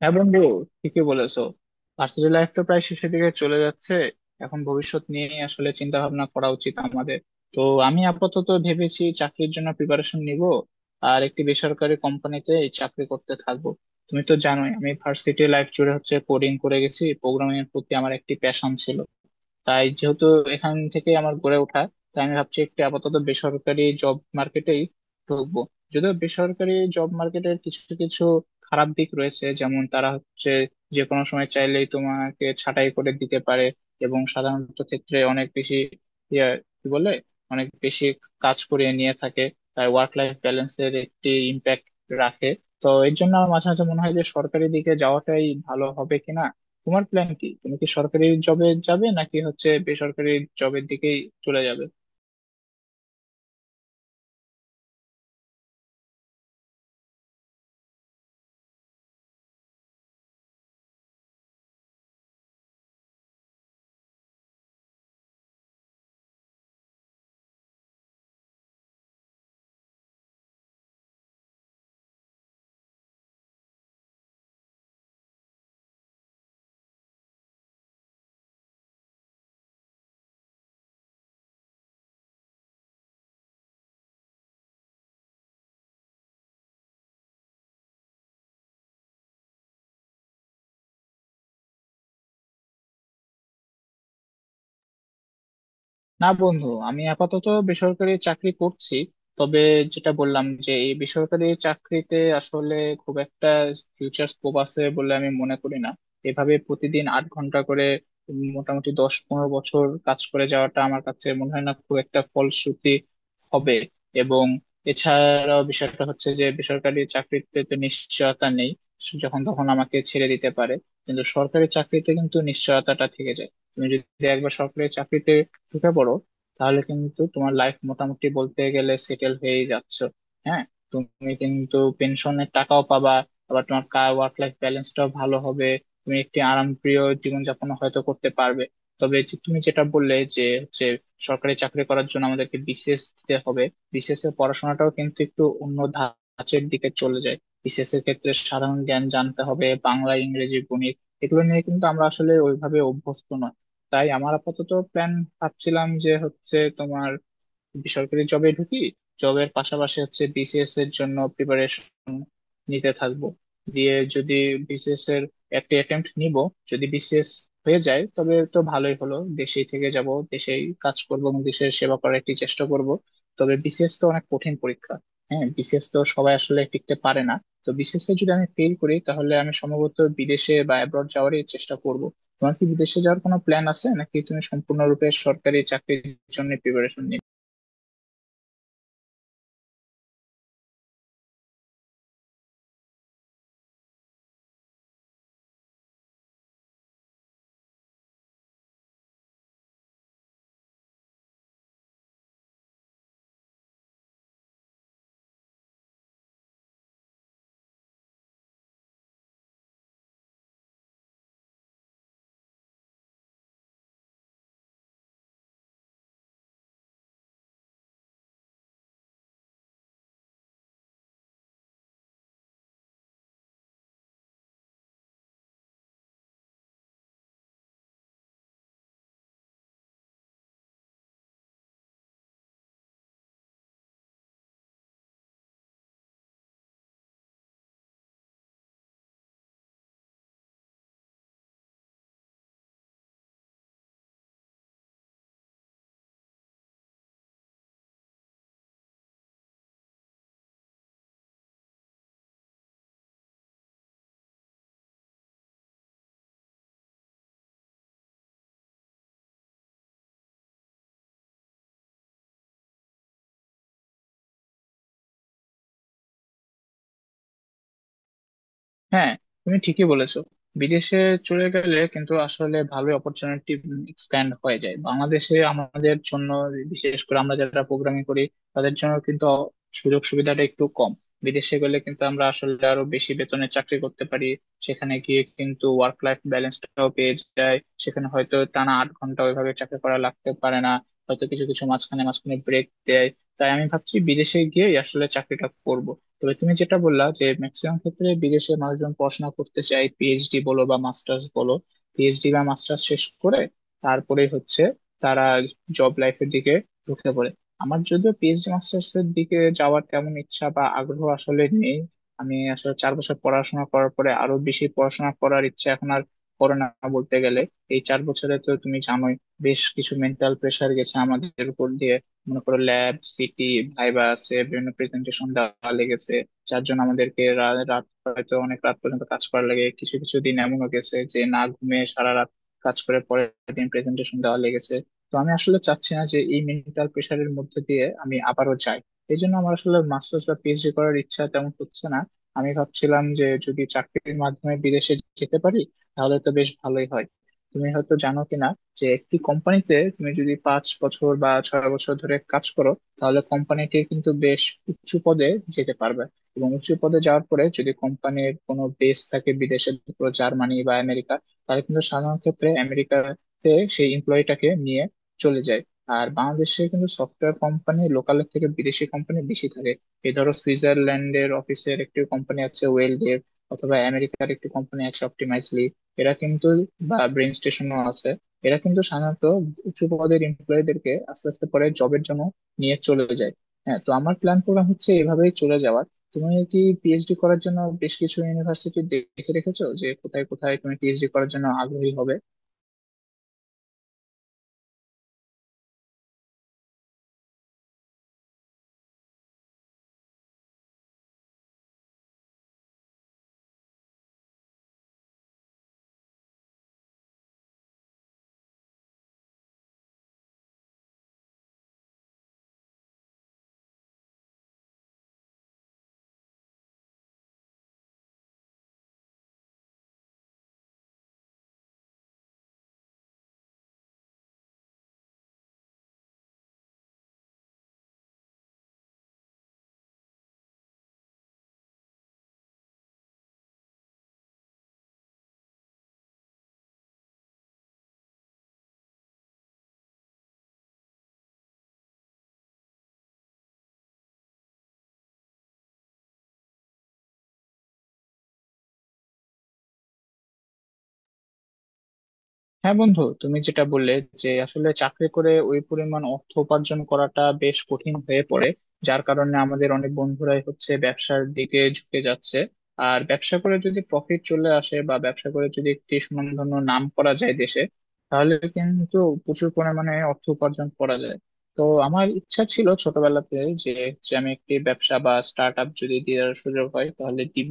হ্যাঁ বন্ধু, ঠিকই বলেছো। ভার্সিটি লাইফ তো প্রায় শেষের দিকে চলে যাচ্ছে। এখন ভবিষ্যৎ নিয়ে আসলে চিন্তা ভাবনা করা উচিত আমাদের। তো আমি আপাতত ভেবেছি চাকরির জন্য প্রিপারেশন নিব, আর একটি বেসরকারি কোম্পানিতে এই চাকরি করতে থাকবো। তুমি তো জানোই আমি ভার্সিটি লাইফ জুড়ে হচ্ছে কোডিং করে গেছি, প্রোগ্রামিং এর প্রতি আমার একটি প্যাশন ছিল। তাই যেহেতু এখান থেকে আমার গড়ে ওঠা, তাই আমি ভাবছি একটু আপাতত বেসরকারি জব মার্কেটেই ঢুকবো। যদিও বেসরকারি জব মার্কেটের কিছু কিছু খারাপ দিক রয়েছে, যেমন তারা হচ্ছে যে কোনো সময় চাইলেই তোমাকে ছাঁটাই করে দিতে পারে, এবং সাধারণত ক্ষেত্রে অনেক বেশি ইয়ে, কি বলে অনেক বেশি কাজ করিয়ে নিয়ে থাকে। তাই ওয়ার্ক লাইফ ব্যালেন্সের একটি ইম্প্যাক্ট রাখে। তো এর জন্য আমার মাঝে মাঝে মনে হয় যে সরকারি দিকে যাওয়াটাই ভালো হবে কিনা। তোমার প্ল্যান কি? তুমি কি সরকারি জবে যাবে নাকি হচ্ছে বেসরকারি জবের দিকেই চলে যাবে? না বন্ধু, আমি আপাতত বেসরকারি চাকরি করছি। তবে যেটা বললাম, যে এই বেসরকারি চাকরিতে আসলে খুব একটা ফিউচার স্কোপ আছে বলে আমি মনে করি না। এভাবে প্রতিদিন 8 ঘন্টা করে মোটামুটি 10-15 বছর কাজ করে যাওয়াটা আমার কাছে মনে হয় না খুব একটা ফলশ্রুতি হবে। এবং এছাড়াও বিষয়টা হচ্ছে যে বেসরকারি চাকরিতে তো নিশ্চয়তা নেই, যখন তখন আমাকে ছেড়ে দিতে পারে। কিন্তু সরকারি চাকরিতে কিন্তু নিশ্চয়তাটা থেকে যায়। তুমি যদি একবার সরকারি চাকরিতে ঢুকে পড়ো তাহলে কিন্তু তোমার লাইফ মোটামুটি বলতে গেলে সেটেল হয়েই যাচ্ছ। হ্যাঁ, তুমি কিন্তু পেনশনের টাকাও পাবা, আবার তোমার ওয়ার্ক লাইফ ব্যালেন্সটাও ভালো হবে, তুমি একটি আরামপ্রিয় জীবনযাপন হয়তো করতে পারবে। তবে যে তুমি যেটা বললে যে হচ্ছে সরকারি চাকরি করার জন্য আমাদেরকে বিসিএস দিতে হবে, বিসিএস এর পড়াশোনাটাও কিন্তু একটু অন্য ধাঁচের দিকে চলে যায়। বিসিএস এর ক্ষেত্রে সাধারণ জ্ঞান জানতে হবে, বাংলা ইংরেজি গণিত এগুলো নিয়ে কিন্তু আমরা আসলে ওইভাবে অভ্যস্ত নয়। তাই আমার আপাতত প্ল্যান, ভাবছিলাম যে হচ্ছে তোমার বেসরকারি জবে ঢুকি, জবের পাশাপাশি হচ্ছে বিসিএস এর জন্য নিতে থাকবো, দিয়ে যদি বিসিএস এর একটা অ্যাটেম্প্ট নিব। যদি বিসিএস হয়ে যায় তবে তো ভালোই হলো, দেশেই থেকে যাব, দেশেই কাজ করব এবং দেশের সেবা করার একটি চেষ্টা করব। তবে বিসিএস তো অনেক কঠিন পরীক্ষা, হ্যাঁ বিসিএস তো সবাই আসলে টিকতে পারে না। তো বিসিএস এ যদি আমি ফেল করি তাহলে আমি সম্ভবত বিদেশে বা অ্যাব্রড যাওয়ারই চেষ্টা করব। তোমার কি বিদেশে যাওয়ার কোনো প্ল্যান আছে নাকি তুমি সম্পূর্ণরূপে সরকারি চাকরির জন্য প্রিপারেশন? হ্যাঁ, তুমি ঠিকই বলেছো, বিদেশে চলে গেলে কিন্তু আসলে ভালো অপরচুনিটি এক্সপ্যান্ড হয়ে যায়। বাংলাদেশে আমাদের জন্য বিশেষ করে আমরা যারা প্রোগ্রামিং করি, তাদের জন্য কিন্তু সুযোগ সুবিধাটা একটু কম। বিদেশে গেলে কিন্তু আমরা আসলে আরো বেশি বেতনে চাকরি করতে পারি, সেখানে গিয়ে কিন্তু ওয়ার্ক লাইফ ব্যালেন্সটাও পেয়ে যায়। সেখানে হয়তো টানা 8 ঘন্টা ওইভাবে চাকরি করা লাগতে পারে না, হয়তো কিছু কিছু মাঝখানে মাঝখানে ব্রেক দেয়। তাই আমি ভাবছি বিদেশে গিয়ে আসলে চাকরিটা করব। তবে তুমি যেটা বললা যে ম্যাক্সিমাম ক্ষেত্রে বিদেশে মানুষজন পড়াশোনা করতে চায়, পিএইচডি বলো বা মাস্টার্স বলো, পিএইচডি বা মাস্টার্স শেষ করে তারপরে হচ্ছে তারা জব লাইফের দিকে ঢুকে পড়ে। আমার যদিও পিএইচডি মাস্টার্স এর দিকে যাওয়ার তেমন ইচ্ছা বা আগ্রহ আসলে নেই। আমি আসলে 4 বছর পড়াশোনা করার পরে আরো বেশি পড়াশোনা করার ইচ্ছা এখন আর করে না বলতে গেলে। এই 4 বছরে তো তুমি জানোই বেশ কিছু মেন্টাল প্রেশার গেছে আমাদের উপর দিয়ে, মনে করো ল্যাব সিটি ভাইবা আছে, বিভিন্ন প্রেজেন্টেশন দেওয়া লেগেছে, যার জন্য আমাদেরকে রাত হয়তো অনেক রাত পর্যন্ত কাজ করা লাগে। কিছু কিছু দিন এমনও গেছে যে না ঘুমিয়ে সারা রাত কাজ করে পরের দিন প্রেজেন্টেশন দেওয়া লেগেছে। তো আমি আসলে চাচ্ছি না যে এই মেন্টাল প্রেশারের মধ্যে দিয়ে আমি আবারও যাই। এই জন্য আমার আসলে মাস্টার্স বা পিএইচডি করার ইচ্ছা তেমন হচ্ছে না। আমি ভাবছিলাম যে যদি চাকরির মাধ্যমে বিদেশে যেতে পারি তাহলে তো বেশ ভালোই হয়। তুমি হয়তো জানো কিনা যে একটি কোম্পানিতে তুমি যদি 5 বছর বা 6 বছর ধরে কাজ করো তাহলে কোম্পানিটি কিন্তু বেশ উঁচু পদে যেতে পারবে। এবং উঁচু পদে যাওয়ার পরে যদি কোম্পানির কোনো বেস থাকে বিদেশে, পুরো জার্মানি বা আমেরিকা, তাহলে কিন্তু সাধারণ ক্ষেত্রে আমেরিকাতে সেই এমপ্লয়িটাকে নিয়ে চলে যায়। আর বাংলাদেশে কিন্তু সফটওয়্যার কোম্পানি লোকালের থেকে বিদেশি কোম্পানি বেশি থাকে। এই ধরো সুইজারল্যান্ডের অফিসের একটি কোম্পানি আছে ওয়েলডেভ, অথবা আমেরিকার একটি কোম্পানি আছে অপটিমাইজলি, এরা কিন্তু, বা ব্রেন স্টেশনও আছে, এরা কিন্তু সাধারণত উচ্চ পদের এমপ্লয়ীদেরকে আস্তে আস্তে পরে জবের জন্য নিয়ে চলে যায়। হ্যাঁ, তো আমার প্ল্যান প্রোগ্রাম হচ্ছে এভাবেই চলে যাওয়ার। তুমি কি পিএইচডি করার জন্য বেশ কিছু ইউনিভার্সিটি দেখে রেখেছো যে কোথায় কোথায় তুমি পিএইচডি করার জন্য আগ্রহী হবে? হ্যাঁ বন্ধু, তুমি যেটা বললে যে আসলে চাকরি করে ওই পরিমাণ অর্থ উপার্জন করাটা বেশ কঠিন হয়ে পড়ে, যার কারণে আমাদের অনেক বন্ধুরাই হচ্ছে ব্যবসার দিকে ঝুঁকে যাচ্ছে। আর ব্যবসা করে যদি প্রফিট চলে আসে বা ব্যবসা করে যদি একটি সুনামধন্য নাম করা যায় দেশে, তাহলে কিন্তু প্রচুর পরিমাণে অর্থ উপার্জন করা যায়। তো আমার ইচ্ছা ছিল ছোটবেলাতে যে যে আমি একটি ব্যবসা বা স্টার্ট আপ যদি দেওয়ার সুযোগ হয় তাহলে দিব।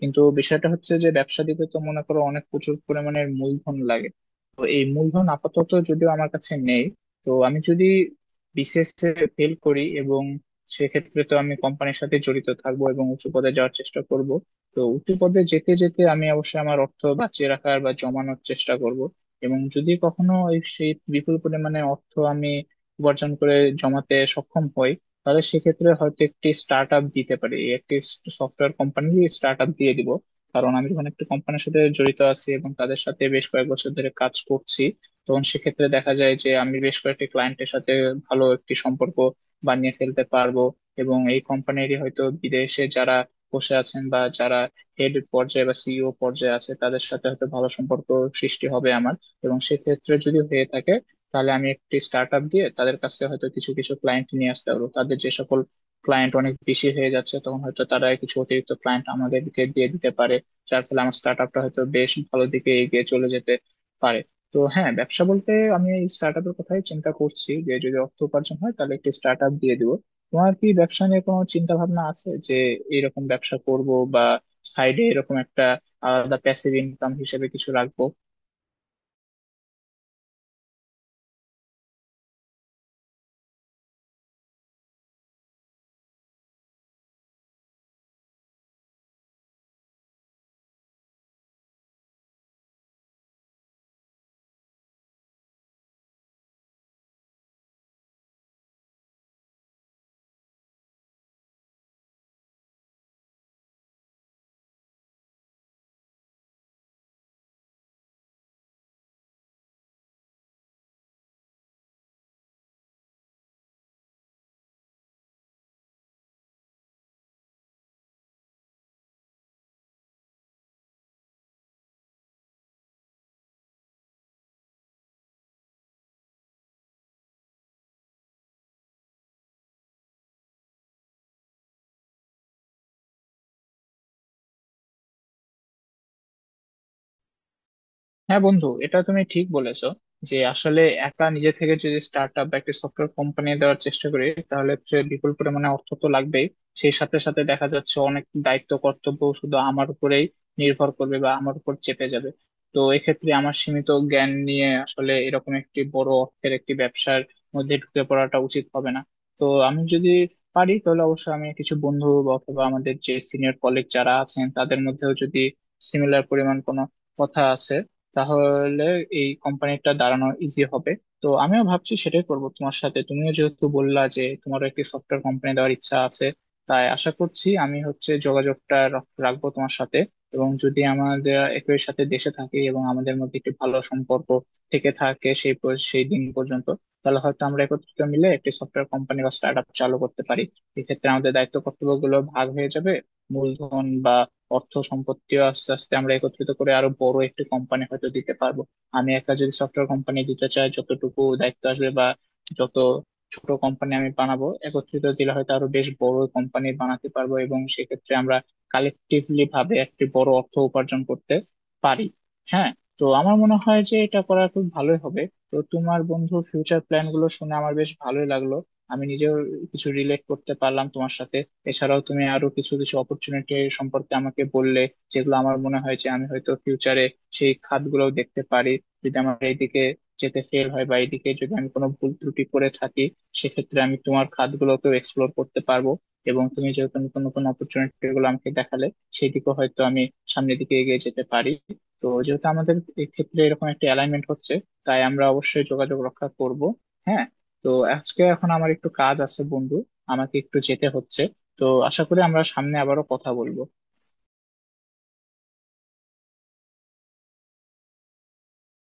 কিন্তু বিষয়টা হচ্ছে যে ব্যবসা দিতে তো মনে করো অনেক প্রচুর পরিমাণের মূলধন লাগে। তো এই মূলধন আপাতত যদিও আমার কাছে নেই। তো আমি যদি বিসিএস এ ফেল করি, এবং সেক্ষেত্রে তো আমি কোম্পানির সাথে জড়িত থাকবো এবং উঁচু পদে যাওয়ার চেষ্টা করব। তো উঁচু পদে যেতে যেতে আমি অবশ্যই আমার অর্থ বাঁচিয়ে রাখার বা জমানোর চেষ্টা করব। এবং যদি কখনো এই সেই বিপুল পরিমাণে অর্থ আমি উপার্জন করে জমাতে সক্ষম হই, তাহলে সেক্ষেত্রে হয়তো একটি স্টার্ট আপ দিতে পারি, একটি সফটওয়্যার কোম্পানি স্টার্ট আপ দিয়ে দিব। কারণ আমি যখন একটা কোম্পানির সাথে জড়িত আছি এবং তাদের সাথে বেশ কয়েক বছর ধরে কাজ করছি, তখন সেক্ষেত্রে দেখা যায় যে আমি বেশ কয়েকটি ক্লায়েন্টের সাথে ভালো একটি সম্পর্ক বানিয়ে ফেলতে পারবো। এবং এই কোম্পানিরই হয়তো বিদেশে যারা বসে আছেন বা যারা হেড পর্যায়ে বা সিইও পর্যায়ে আছে তাদের সাথে হয়তো ভালো সম্পর্ক সৃষ্টি হবে আমার। এবং সেক্ষেত্রে যদি হয়ে থাকে তাহলে আমি একটি স্টার্ট আপ দিয়ে তাদের কাছে হয়তো কিছু কিছু ক্লায়েন্ট নিয়ে আসতে পারবো। তাদের যে সকল ক্লায়েন্ট অনেক বেশি হয়ে যাচ্ছে তখন হয়তো তারা কিছু অতিরিক্ত ক্লায়েন্ট আমাদেরকে দিয়ে দিতে পারে, যার ফলে আমার স্টার্ট আপটা হয়তো বেশ ভালো দিকে এগিয়ে চলে যেতে পারে। তো হ্যাঁ, ব্যবসা বলতে আমি এই স্টার্ট আপের কথাই চিন্তা করছি, যে যদি অর্থ উপার্জন হয় তাহলে একটি স্টার্ট আপ দিয়ে দিব। তোমার কি ব্যবসা নিয়ে কোনো চিন্তা ভাবনা আছে যে এরকম ব্যবসা করব বা সাইডে এরকম একটা আলাদা প্যাসিভ ইনকাম হিসেবে কিছু রাখবো? হ্যাঁ বন্ধু, এটা তুমি ঠিক বলেছো, যে আসলে একা নিজে থেকে যদি স্টার্ট আপ বা একটা সফটওয়্যার কোম্পানি দেওয়ার চেষ্টা করি তাহলে সে বিপুল পরিমাণে অর্থ তো লাগবেই, সেই সাথে সাথে দেখা যাচ্ছে অনেক দায়িত্ব কর্তব্য শুধু আমার উপরেই নির্ভর করবে বা আমার উপর চেপে যাবে। তো এক্ষেত্রে আমার সীমিত জ্ঞান নিয়ে আসলে এরকম একটি বড় অর্থের একটি ব্যবসার মধ্যে ঢুকে পড়াটা উচিত হবে না। তো আমি যদি পারি তাহলে অবশ্যই আমি কিছু বন্ধু বা অথবা আমাদের যে সিনিয়র কলিগ যারা আছেন তাদের মধ্যেও যদি সিমিলার পরিমাণ কোনো কথা আছে, তাহলে এই কোম্পানিটা দাঁড়ানো ইজি হবে। তো আমিও ভাবছি সেটাই করব তোমার সাথে, তুমিও যেহেতু বললা যে তোমারও একটি সফটওয়্যার কোম্পানি দেওয়ার ইচ্ছা আছে, তাই আশা করছি আমি হচ্ছে যোগাযোগটা রাখবো তোমার সাথে। এবং যদি আমাদের একই সাথে দেশে থাকি এবং আমাদের মধ্যে একটি ভালো সম্পর্ক থেকে থাকে সেই সেই দিন পর্যন্ত, তাহলে হয়তো আমরা একত্রিত মিলে একটি সফটওয়্যার কোম্পানি বা স্টার্ট আপ চালু করতে পারি। এক্ষেত্রে আমাদের দায়িত্ব কর্তব্য গুলো ভাগ হয়ে যাবে, মূলধন বা অর্থ সম্পত্তিও আস্তে আস্তে আমরা একত্রিত করে আরো বড় একটি কোম্পানি হয়তো দিতে পারবো। আমি একা যদি সফটওয়্যার কোম্পানি দিতে চাই, যতটুকু দায়িত্ব আসবে বা যত ছোট কোম্পানি আমি বানাবো, একত্রিত দিলে হয়তো আরো বেশ বড় কোম্পানি বানাতে পারবো, এবং সেক্ষেত্রে আমরা কালেকটিভলি ভাবে একটি বড় অর্থ উপার্জন করতে পারি। হ্যাঁ, তো আমার মনে হয় যে এটা করা খুব ভালোই হবে। তো তোমার বন্ধু ফিউচার প্ল্যান গুলো শুনে আমার বেশ ভালোই লাগলো, আমি নিজেও কিছু রিলেট করতে পারলাম তোমার সাথে। এছাড়াও তুমি আরো কিছু কিছু অপরচুনিটি সম্পর্কে আমাকে বললে, যেগুলো আমার মনে হয় যে আমি হয়তো ফিউচারে সেই খাতগুলোও দেখতে পারি। যদি আমার এইদিকে যেতে ফেল হয় বা এইদিকে যদি আমি কোনো ভুল ত্রুটি করে থাকি, সেক্ষেত্রে আমি তোমার খাতগুলোকেও এক্সপ্লোর করতে পারবো। এবং তুমি যেহেতু নতুন নতুন অপরচুনিটি গুলো আমাকে দেখালে, সেই দিকে হয়তো আমি সামনের দিকে এগিয়ে যেতে পারি। তো যেহেতু আমাদের এক্ষেত্রে এরকম একটা অ্যালাইনমেন্ট হচ্ছে, তাই আমরা অবশ্যই যোগাযোগ রক্ষা করব। হ্যাঁ, তো আজকে এখন আমার একটু কাজ আছে বন্ধু, আমাকে একটু যেতে হচ্ছে। তো আশা করি আমরা সামনে আবারও কথা বলবো।